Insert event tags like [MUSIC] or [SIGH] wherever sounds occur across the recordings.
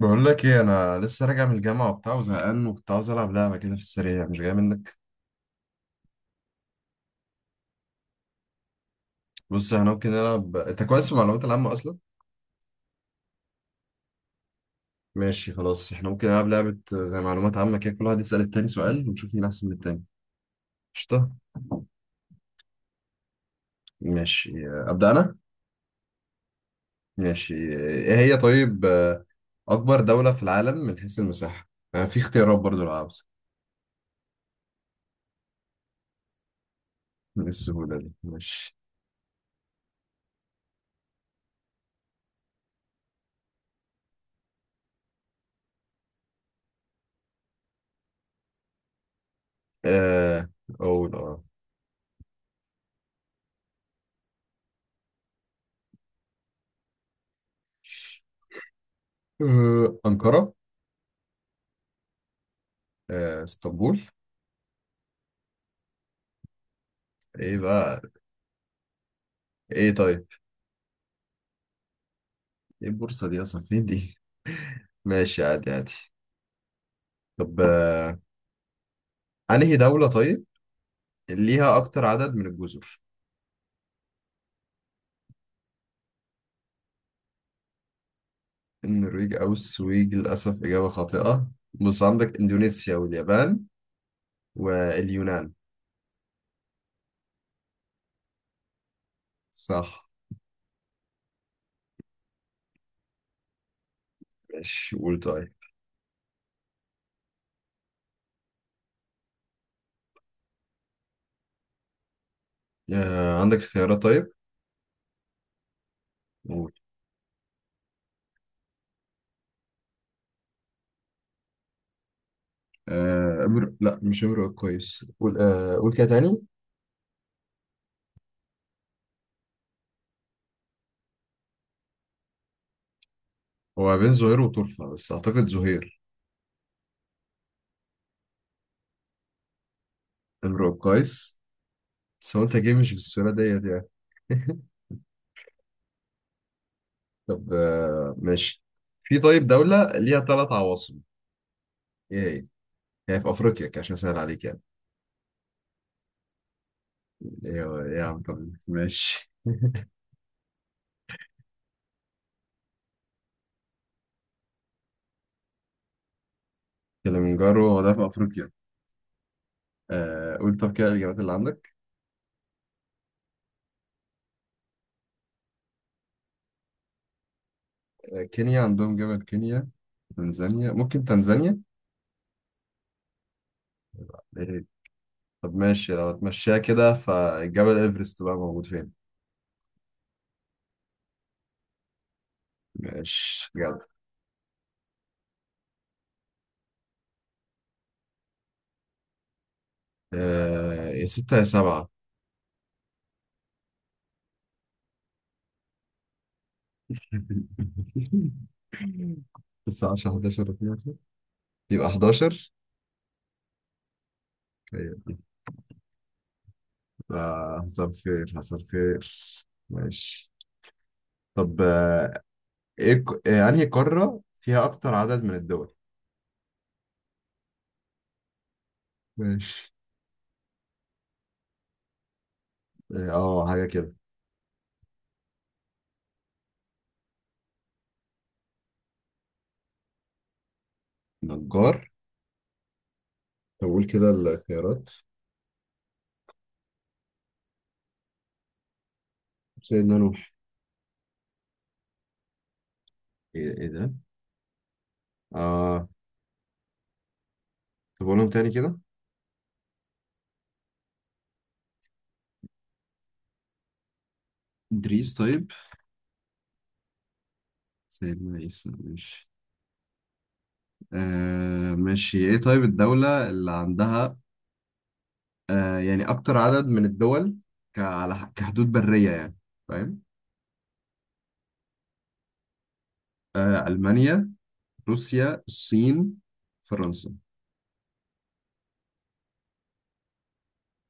بقول لك ايه، انا لسه راجع من الجامعه وبتاع وزهقان، وكنت عاوز العب لعبه كده في السريع. مش جاي منك؟ بص، احنا ممكن نلعب. انت كويس في المعلومات العامه اصلا. ماشي خلاص، احنا ممكن نلعب لعبه زي معلومات عامه كده، كل واحد يسال التاني سؤال ونشوف مين احسن من التاني. قشطه. ماشي ابدا انا. ماشي، ايه هي طيب؟ اكبر دوله في العالم من حيث المساحه. آه، في اختيارات برضو لو عاوز. من السهوله دي؟ ماشي. آه، اقول اه. انقره. اسطنبول. ايه بقى؟ ايه طيب؟ ايه البورصة دي اصلا؟ فين دي؟ [LAUGHS] ماشي، عادي عادي. طب انهي دولة طيب اللي ليها اكتر عدد من الجزر؟ النرويج او السويد؟ للاسف اجابة خاطئة. بص، عندك اندونيسيا واليابان واليونان. صح. ماشي قول طيب. عندك اختيارات طيب؟ قول. آه، امر لا مش امرؤ القيس. قول قول كده تاني. هو بين زهير وطرفة، بس اعتقد زهير. امرؤ القيس. بس هو انت جاي مش في السورة ديت يعني. [LAUGHS] طب ماشي. في طيب دولة ليها ثلاث عواصم. ايه هي؟ هي في افريقيا كده، عشان اسهل عليك يعني. ايه يا عم؟ طب ماشي. كليمنجارو هو ده في افريقيا. آه قول، طب كده الاجابات اللي عندك. آه، كينيا عندهم جبل كينيا. تنزانيا، ممكن تنزانيا. إيه. طب ماشي. لو اتمشيها كده، فالجبل ايفرست بقى موجود فين؟ ماشي جدع. آه، يا ستة يا سبعة. [LAUGHS] تسعة، 10، 11، 12. يبقى 11. فحصل خير حصل خير. ماشي. طب آه، انهي قارة فيها اكتر عدد من الدول؟ ماشي. اه حاجة كده. نجار. طب قول كده الخيارات. سيدنا نوح. ايه؟ إيه ده؟ اه. طب قولهم تاني كده. إدريس طيب. سيدنا عيسى، ماشي. آه ماشي. ايه طيب الدولة اللي عندها آه يعني أكتر عدد من الدول، كحدود برية يعني، فاهم؟ آه، ألمانيا، روسيا، الصين، فرنسا.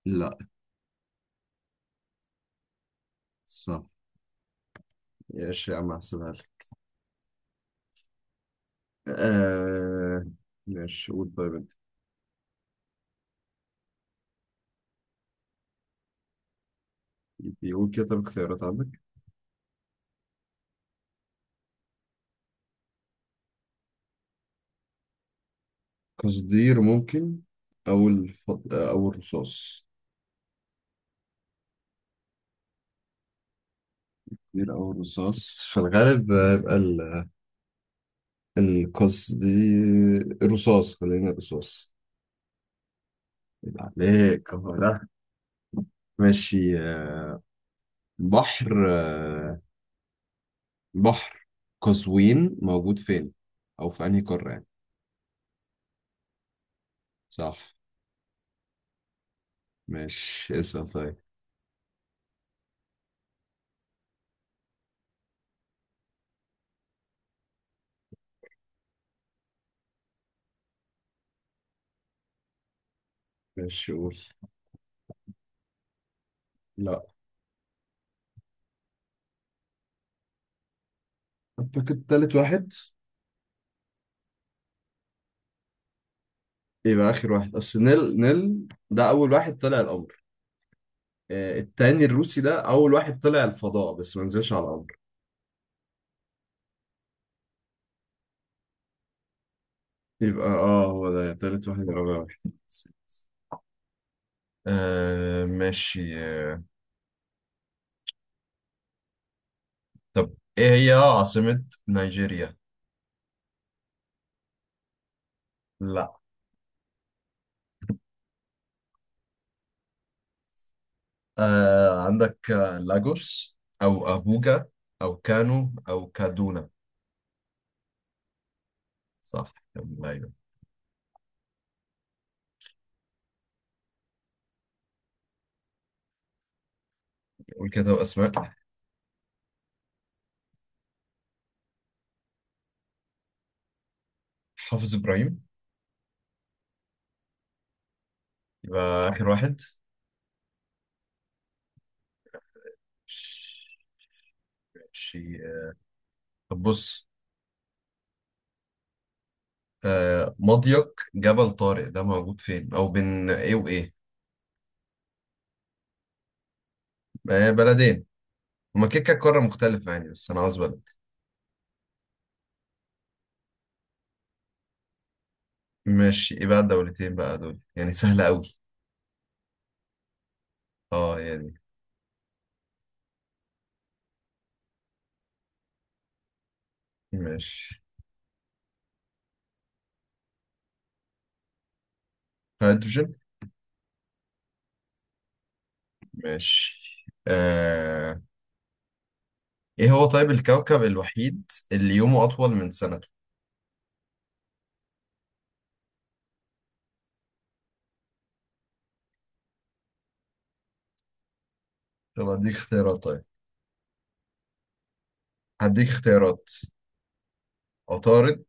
لا. صح. ماشي يا عم، هحسبها لك. آه ماشي قول طيب انت. بيقول كده، طب اختيارات عندك. قصدير ممكن. او الرصاص. قصدير او الرصاص. في الغالب هيبقى القصدير، الرصاص. خلينا الرصاص. يبقى عليك أهو ده. ماشي. بحر، بحر قزوين موجود فين؟ او في انهي قارة يعني؟ صح. ماشي، اسأل طيب. ماشي قول. لا. اعتقد تالت واحد. يبقى اخر واحد، اصل نيل، ده اول واحد طلع القمر. التاني الروسي ده اول واحد طلع الفضاء، بس ما نزلش على القمر. يبقى اه هو ده تالت واحد، يبقى أول واحد. آه ماشي آه. طب ايه هي عاصمة نيجيريا؟ لا. آه، عندك لاجوس او ابوجا او كانو او كادونا. صح يلا، ايوه. قول كده اسماء. حافظ ابراهيم. يبقى آخر واحد. ماشي. طب بص، آه، مضيق جبل طارق ده موجود فين، أو بين إيه وإيه؟ آه، بلدين. هما كده كده قارة مختلفة يعني، بس أنا عاوز بلد. ماشي، إيه بقى الدولتين بقى دول؟ يعني سهلة أوي. أه يعني. ماشي. هيدروجين. ماشي. آه، إيه هو طيب الكوكب الوحيد اللي يومه أطول من سنته؟ طب هديك اختيارات طيب. هديك اختيارات. عطارد،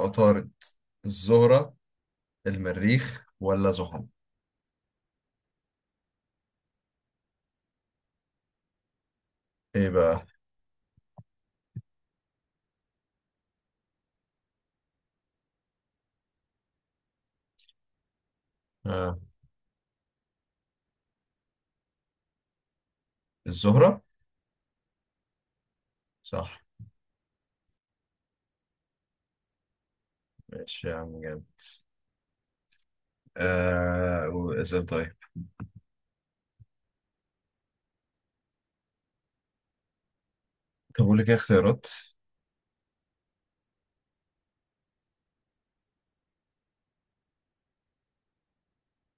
عطارد, الزهرة، المريخ ولا زحل؟ ايه بقى؟ آه. الزهرة. صح. ماشي يا عم، جامد. آه وإزاي طيب؟ طب أقول لك إيه اختيارات.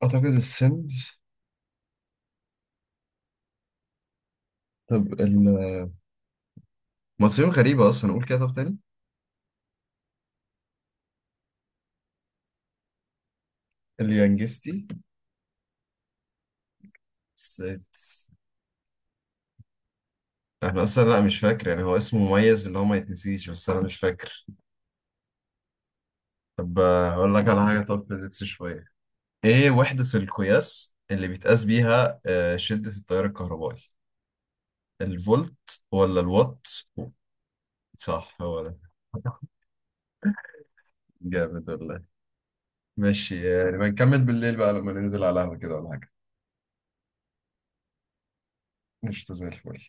أعتقد السندز. طب المصريين غريبة أصلا، أقول كده طب تاني. اليانجستي. سيتس. أنا أصلا لا مش فاكر يعني، هو اسمه مميز اللي هو ما يتنسيش، بس أنا مش فاكر. طب أقول لك على حاجة. طب فيزيكس شوية. إيه وحدة القياس اللي بيتقاس بيها آه شدة التيار الكهربائي؟ الفولت ولا الوات؟ صح، هو ده. جامد والله. ماشي، يعني بنكمل بالليل بقى لما ننزل على القهوة كده ولا حاجة. قشطة زي الفل.